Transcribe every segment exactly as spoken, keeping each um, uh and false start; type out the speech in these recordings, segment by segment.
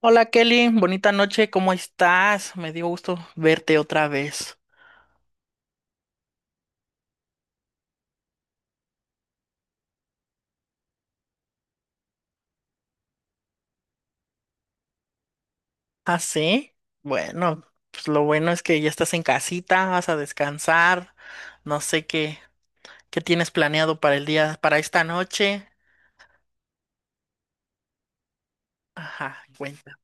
Hola Kelly, bonita noche, ¿cómo estás? Me dio gusto verte otra vez. ¿Ah, sí? Bueno, pues lo bueno es que ya estás en casita, vas a descansar. No sé qué, qué tienes planeado para el día, para esta noche. Ajá, cuenta.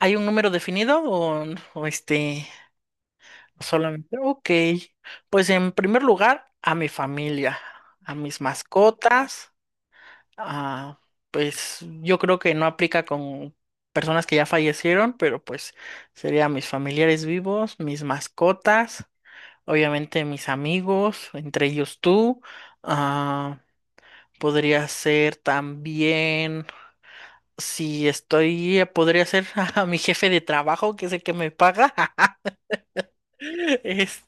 ¿Hay un número definido o, o este, solamente? Ok, pues en primer lugar, a mi familia, a mis mascotas. Ah, pues yo creo que no aplica con personas que ya fallecieron, pero pues serían mis familiares vivos, mis mascotas, obviamente mis amigos, entre ellos tú. Ah, podría ser también, si estoy, podría ser a mi jefe de trabajo, que es el que me paga. Este,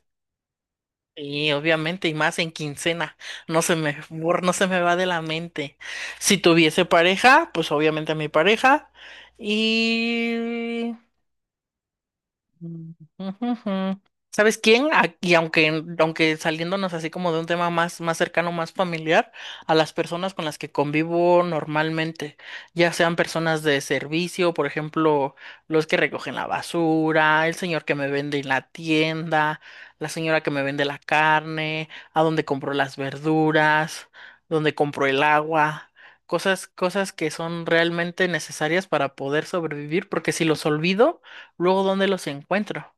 Y obviamente, y más en quincena, no se me, bor- no se me va de la mente. Si tuviese pareja, pues obviamente a mi pareja. Y Mm, ujujú. ¿Sabes quién? A- Y aunque, aunque saliéndonos así como de un tema más, más cercano, más familiar, a las personas con las que convivo normalmente, ya sean personas de servicio, por ejemplo, los que recogen la basura, el señor que me vende en la tienda, la señora que me vende la carne, a donde compro las verduras, donde compro el agua. Cosas, cosas que son realmente necesarias para poder sobrevivir, porque si los olvido, luego, ¿dónde los encuentro?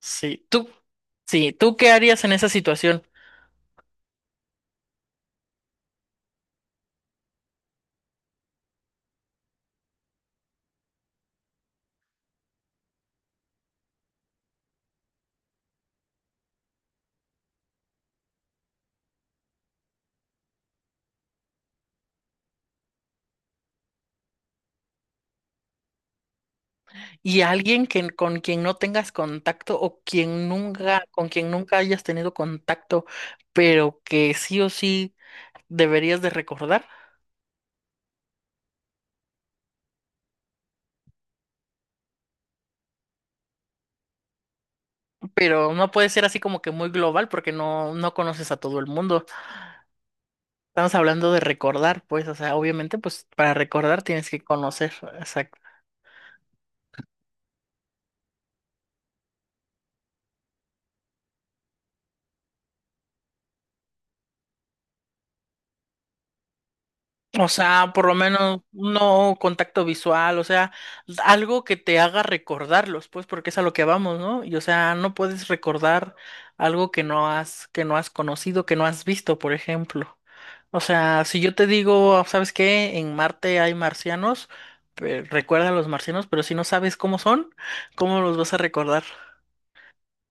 Sí, tú, sí, ¿tú qué harías en esa situación? Y alguien que, con quien no tengas contacto o quien nunca, con quien nunca, hayas tenido contacto, pero que sí o sí deberías de recordar, pero no puede ser así como que muy global porque no, no conoces a todo el mundo. Estamos hablando de recordar, pues, o sea, obviamente, pues para recordar tienes que conocer, exacto. O sea, por lo menos no contacto visual, o sea, algo que te haga recordarlos, pues, porque es a lo que vamos, ¿no? Y o sea, no puedes recordar algo que no has, que no has, conocido, que no has visto, por ejemplo. O sea, si yo te digo, ¿sabes qué? En Marte hay marcianos, pe- recuerda a los marcianos, pero si no sabes cómo son, ¿cómo los vas a recordar?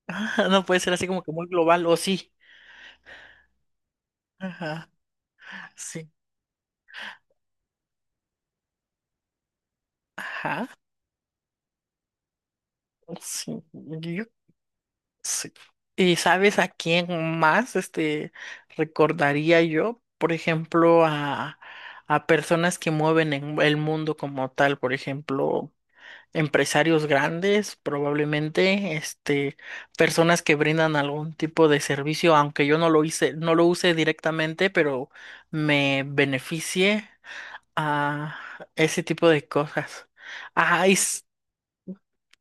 No puede ser así como que muy global, o sí. Ajá, sí. Ajá, sí. Yo Sí. ¿Y sabes a quién más este recordaría yo? Por ejemplo, a, a personas que mueven en el mundo como tal, por ejemplo, empresarios grandes, probablemente, este, personas que brindan algún tipo de servicio, aunque yo no lo hice, no lo use directamente, pero me beneficie a ese tipo de cosas. Ajá, y s-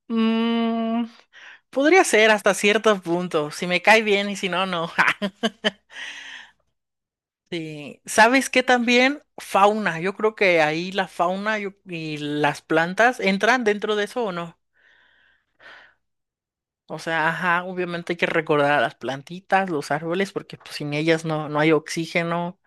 mm, podría ser hasta cierto punto. Si me cae bien y si no, no. Sí. ¿Sabes qué también? Fauna. Yo creo que ahí la fauna yo- y las plantas entran dentro de eso o no. O sea, ajá, obviamente hay que recordar a las plantitas, los árboles, porque pues, sin ellas no, no hay oxígeno,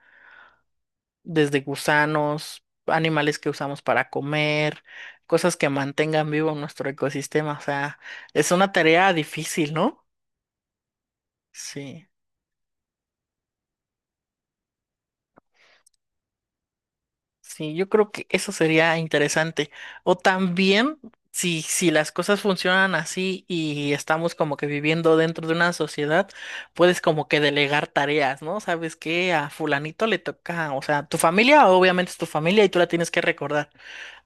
desde gusanos, animales que usamos para comer, cosas que mantengan vivo nuestro ecosistema. O sea, es una tarea difícil, ¿no? Sí. Sí, yo creo que eso sería interesante. O también, si, si las cosas funcionan así y estamos como que viviendo dentro de una sociedad, puedes como que delegar tareas, ¿no? ¿Sabes qué? A fulanito le toca, o sea, tu familia obviamente es tu familia y tú la tienes que recordar,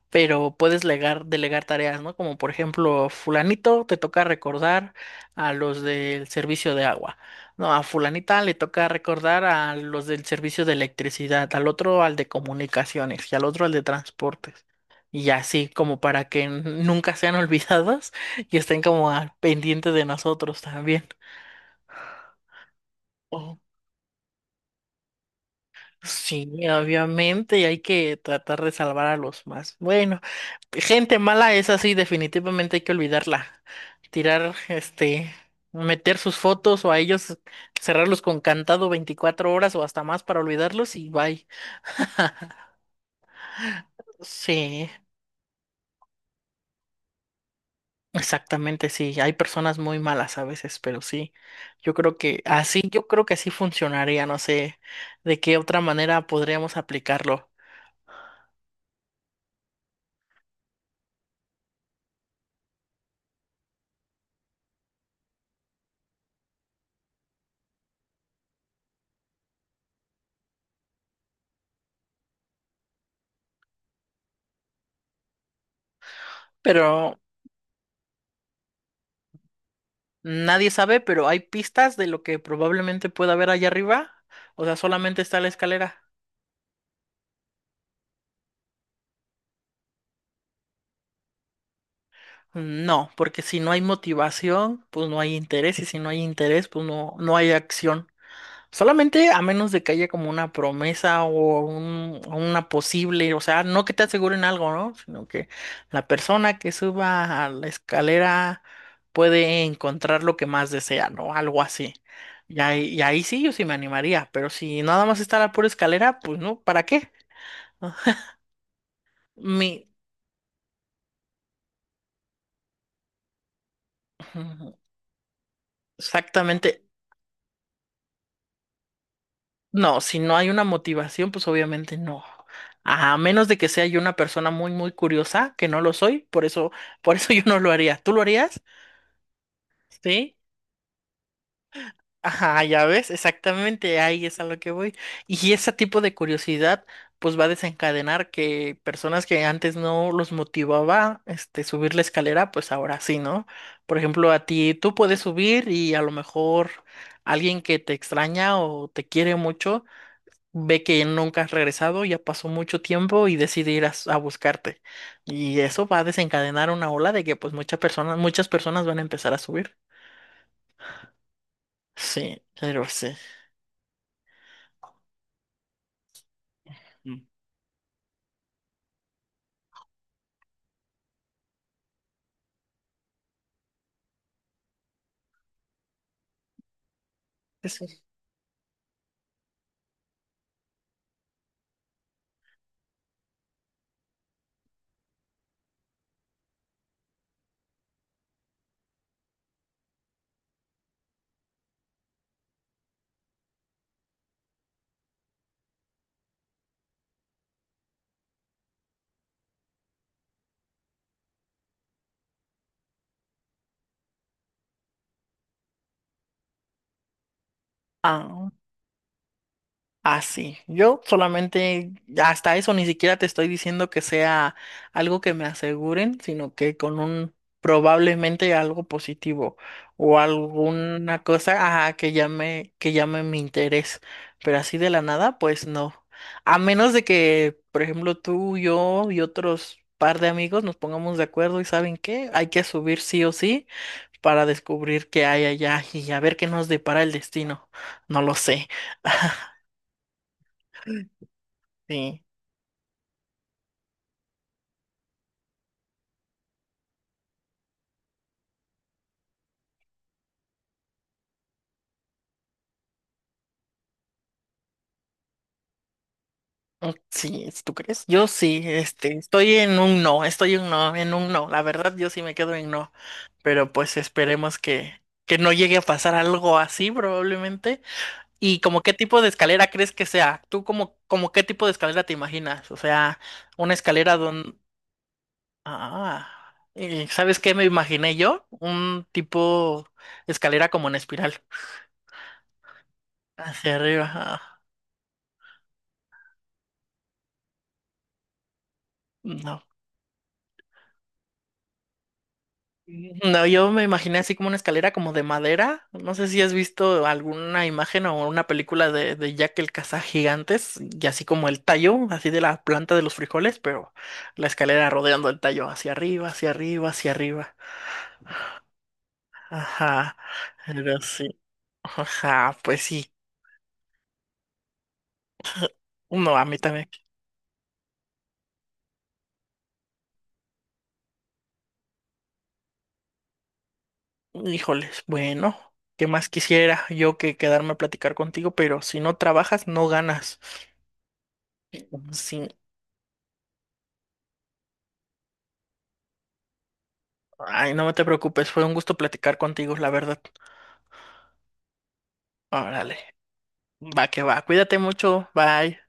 pero puedes legar- delegar tareas, ¿no? Como por ejemplo, fulanito te toca recordar a los del servicio de agua, no, a fulanita le toca recordar a los del servicio de electricidad, al otro al de comunicaciones y al otro al de transportes. Y así, como para que n- nunca sean olvidadas y estén como al pendiente de nosotros también. Oh, sí, obviamente, y hay que tratar de salvar a los más. Bueno, gente mala es así, definitivamente hay que olvidarla. Tirar, este, meter sus fotos o a ellos cerrarlos con cantado veinticuatro horas o hasta más para olvidarlos y bye. Sí, exactamente, sí. Hay personas muy malas a veces, pero sí. Yo creo que así, yo creo que así funcionaría. No sé de qué otra manera podríamos aplicarlo. Pero nadie sabe, pero hay pistas de lo que probablemente pueda haber allá arriba. O sea, solamente está la escalera. No, porque si no hay motivación, pues no hay interés, y si no hay interés, pues no, no hay acción. Solamente a menos de que haya como una promesa o un- o una posible, o sea, no que te aseguren algo, ¿no? Sino que la persona que suba a la escalera puede encontrar lo que más desea, ¿no? Algo así. Y ahí, y ahí sí yo sí me animaría, pero si nada más está la pura escalera, pues no, ¿para qué? Mi, exactamente. No, si no hay una motivación, pues obviamente no. A menos de que sea yo una persona muy, muy curiosa, que no lo soy, por eso, por eso yo no lo haría. ¿Tú lo harías? Sí. Ajá, ya ves, exactamente, ahí es a lo que voy. Y ese tipo de curiosidad, pues va a desencadenar que personas que antes no los motivaba, este, subir la escalera, pues ahora sí, ¿no? Por ejemplo, a ti, tú puedes subir y a lo mejor alguien que te extraña o te quiere mucho ve que nunca has regresado, ya pasó mucho tiempo y decide ir a, s- a buscarte. Y eso va a desencadenar una ola de que pues muchas personas, muchas personas van a empezar a subir. Sí, pero sí. Eso. Así, yo solamente, hasta eso ni siquiera te estoy diciendo que sea algo que me aseguren, sino que con un probablemente algo positivo o alguna cosa, ajá, que llame, que llame mi interés, pero así de la nada, pues no. A menos de que, por ejemplo, tú, yo y otros par de amigos nos pongamos de acuerdo y ¿saben qué? Hay que subir sí o sí para descubrir qué hay allá y a ver qué nos depara el destino. No lo sé. Sí. Mm, sí, ¿tú crees? Yo sí, este, estoy en un no, estoy en un no, en un no. La verdad, yo sí me quedo en no. Pero pues esperemos que, que no llegue a pasar algo así probablemente. ¿Y como qué tipo de escalera crees que sea? ¿Tú como, como qué tipo de escalera te imaginas? O sea, una escalera donde... Ah, eh, ¿sabes qué me imaginé yo? Un tipo escalera como en espiral, hacia arriba. Ah, no. No, yo me imaginé así como una escalera como de madera. No sé si has visto alguna imagen o una película de, de, Jack el Cazagigantes y así como el tallo, así de la planta de los frijoles, pero la escalera rodeando el tallo hacia arriba, hacia arriba, hacia arriba. Ajá, era así. Ajá, pues sí. No, a mí también. Híjoles, bueno, ¿qué más quisiera yo que quedarme a platicar contigo? Pero si no trabajas, no ganas. Sí. Ay, no te preocupes, fue un gusto platicar contigo, la verdad. Órale, va que va, cuídate mucho, bye.